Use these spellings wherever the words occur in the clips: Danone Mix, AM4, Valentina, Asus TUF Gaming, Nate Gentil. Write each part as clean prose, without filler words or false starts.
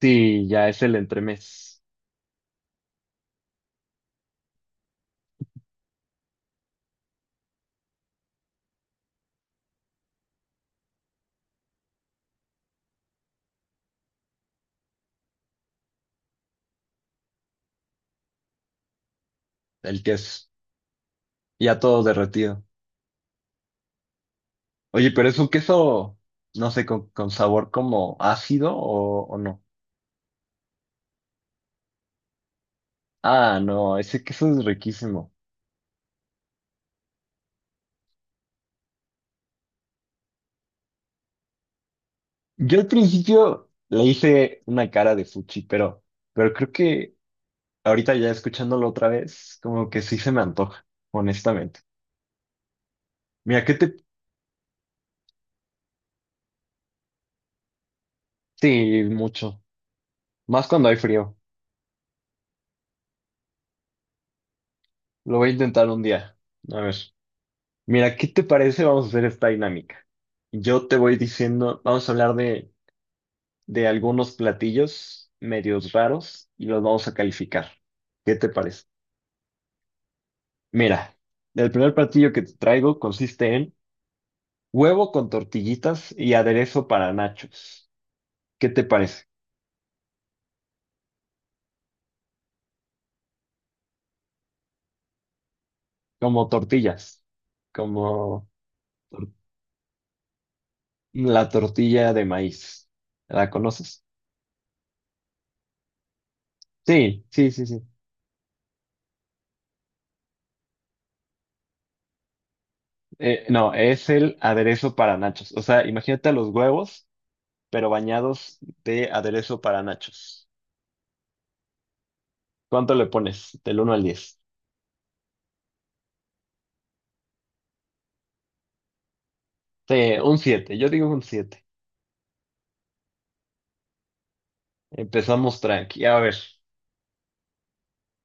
Sí, ya es el entremés, el queso, ya todo derretido. Oye, pero es un queso, no sé, con sabor como ácido o no. Ah, no, ese queso es riquísimo. Yo al principio le hice una cara de fuchi, pero creo que ahorita ya escuchándolo otra vez, como que sí se me antoja, honestamente. Mira, que te... Sí, mucho. Más cuando hay frío. Lo voy a intentar un día. A ver. Mira, ¿qué te parece? Vamos a hacer esta dinámica. Yo te voy diciendo, vamos a hablar de algunos platillos medios raros y los vamos a calificar. ¿Qué te parece? Mira, el primer platillo que te traigo consiste en huevo con tortillitas y aderezo para nachos. ¿Qué te parece? Como tortillas, como tor- la tortilla de maíz. ¿La conoces? Sí, sí, sí, sí. No, es el aderezo para nachos. O sea, imagínate a los huevos pero bañados de aderezo para nachos. ¿Cuánto le pones? Del uno al 10. Sí, un 7. Yo digo un 7. Empezamos tranqui. A ver,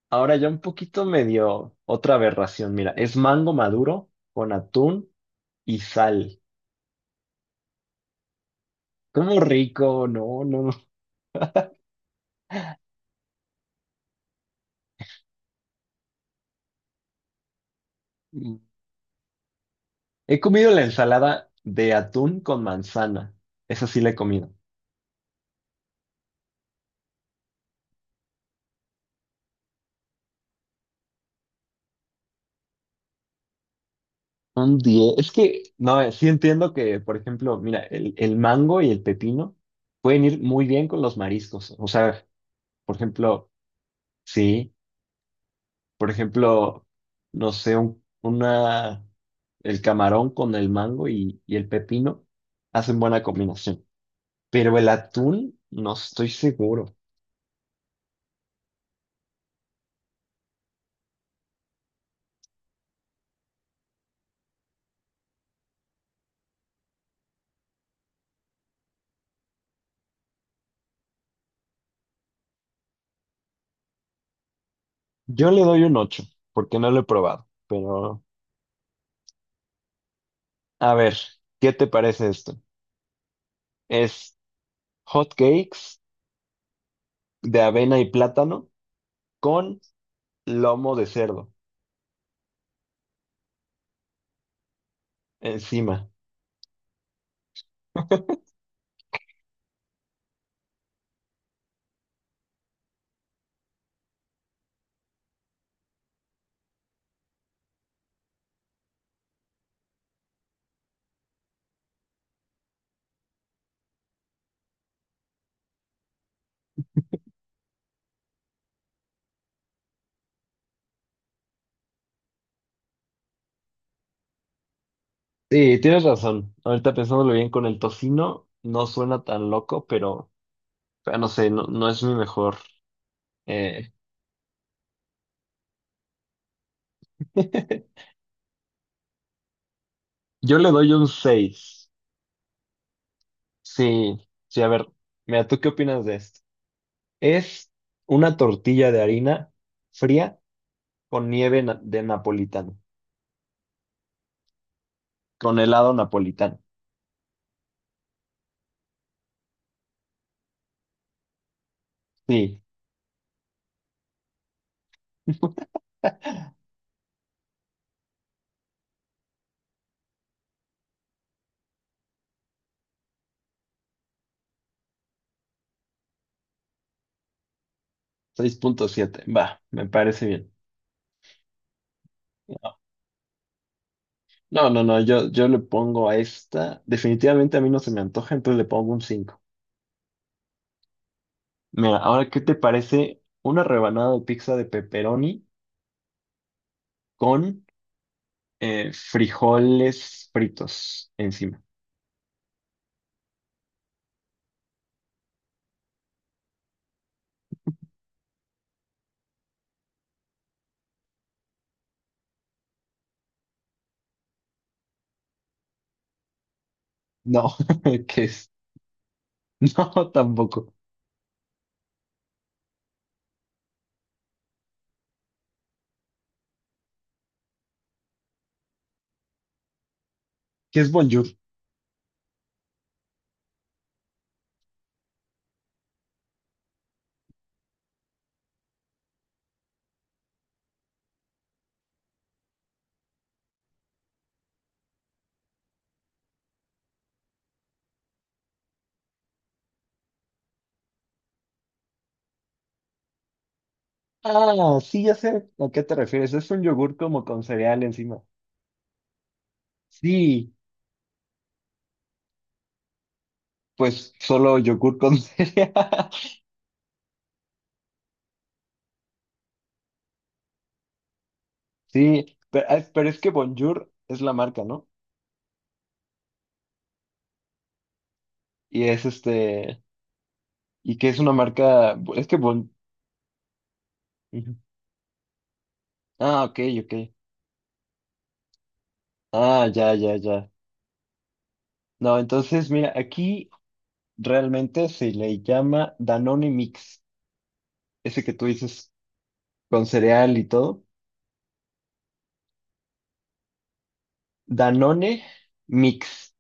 ahora ya un poquito medio otra aberración. Mira, es mango maduro con atún y sal. ¡Cómo rico! No, no, no. Mm. He comido la ensalada de atún con manzana. Esa sí la he comido. Un diez. Es que, no, sí entiendo que, por ejemplo, mira, el mango y el pepino pueden ir muy bien con los mariscos. O sea, por ejemplo, sí, por ejemplo, no sé, el camarón con el mango y el pepino hacen buena combinación. Pero el atún, no estoy seguro. Yo le doy un 8 porque no lo he probado. Pero, a ver, ¿qué te parece esto? Es hot cakes de avena y plátano con lomo de cerdo encima. Sí, tienes razón. Ahorita pensándolo bien con el tocino, no suena tan loco, pero... Pero no sé, no, no es mi mejor. eh, Yo le doy un seis. Sí, sí, a ver, mira, ¿tú qué opinas de esto? Es una tortilla de harina fría con nieve na- de napolitano, con helado napolitano. Sí, seis punto siete. Va, me parece bien. No, no, no, yo le pongo a esta, definitivamente a mí no se me antoja, entonces le pongo un cinco. Mira, ahora, ¿qué te parece una rebanada de pizza de pepperoni con frijoles fritos encima. No, ¿qué es? No, tampoco. ¿Qué es bonjour? Ah, sí, ya sé a qué te refieres. Es un yogur como con cereal encima. Sí, pues solo yogur con cereal. Sí, pero, ah, pero es que bonjour es la marca, ¿no? Y es este, y que es una marca, es que bon... Ujú. Ah, ok, ok. Ah, ya, ya, ya. No, entonces, mira, aquí realmente se le llama Danone Mix. Ese que tú dices con cereal y todo, Danone Mix.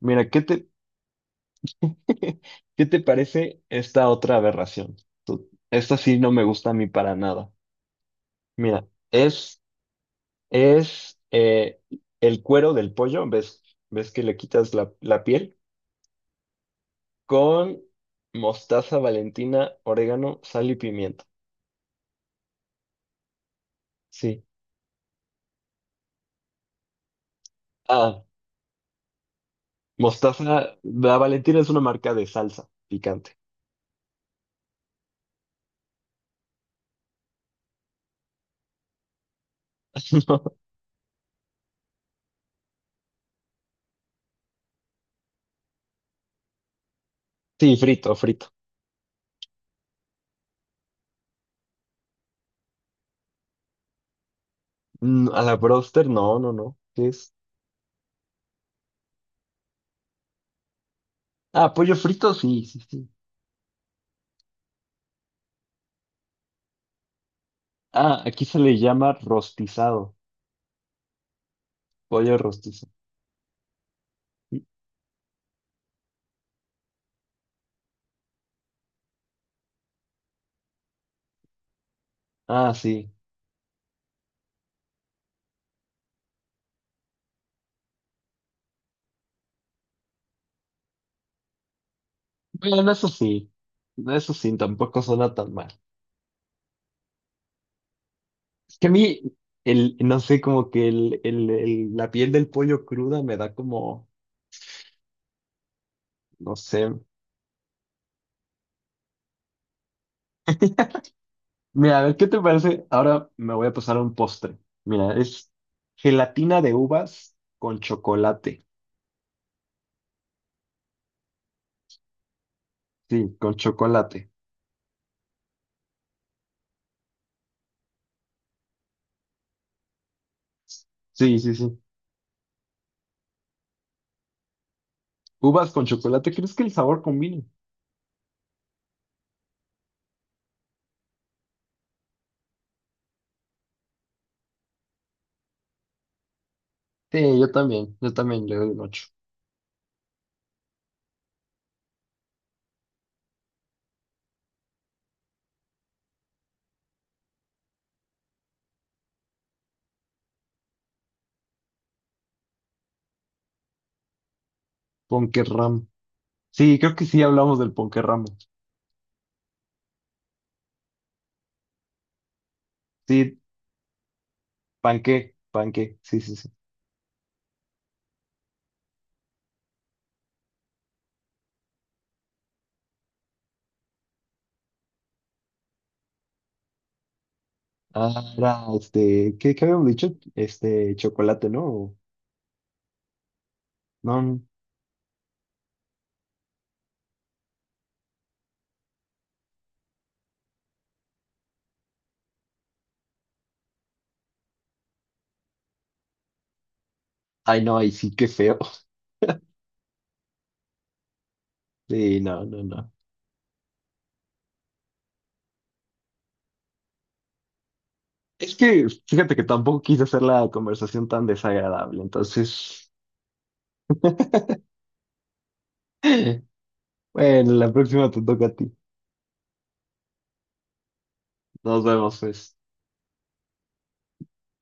Mira, ¿qué te, qué te parece esta otra aberración? Tú- esta sí no me gusta a mí para nada. Mira, es, el cuero del pollo, ¿ves? ¿Ves que le quitas la piel? Con mostaza, Valentina, orégano, sal y pimienta. Sí. Ah, mostaza, la Valentina es una marca de salsa picante. Sí, frito, frito. Mm, a la broster, no, no, no. ¿Qué es? Ah, pollo frito, sí, sí, sí. Ah, aquí se le llama rostizado. Pollo rostizado. Ah, sí. Bueno, eso sí. Eso sí, tampoco suena tan mal. Es que a mí, el, no sé, como que el- la piel del pollo cruda me da como, no sé. Mira, a ver, ¿qué te parece? Ahora me voy a pasar a un postre. Mira, es gelatina de uvas con chocolate. Sí, con chocolate. Sí, sí, sí. Uvas con chocolate, ¿crees que el sabor combine? Sí, yo también le doy un 8. Ponquerramo. Sí, creo que sí hablamos del ponquerramo. Sí, panqué, panqué, sí, sí, sí. Ah, era, este, ¿qué, qué habíamos dicho? Este, chocolate, ¿no? O... No, no. Ay, no, ay, sí, qué feo. Sí, no, no, no. Es que, fíjate que tampoco quise hacer la conversación tan desagradable, entonces, bueno, la próxima te toca a ti. Nos vemos, pues.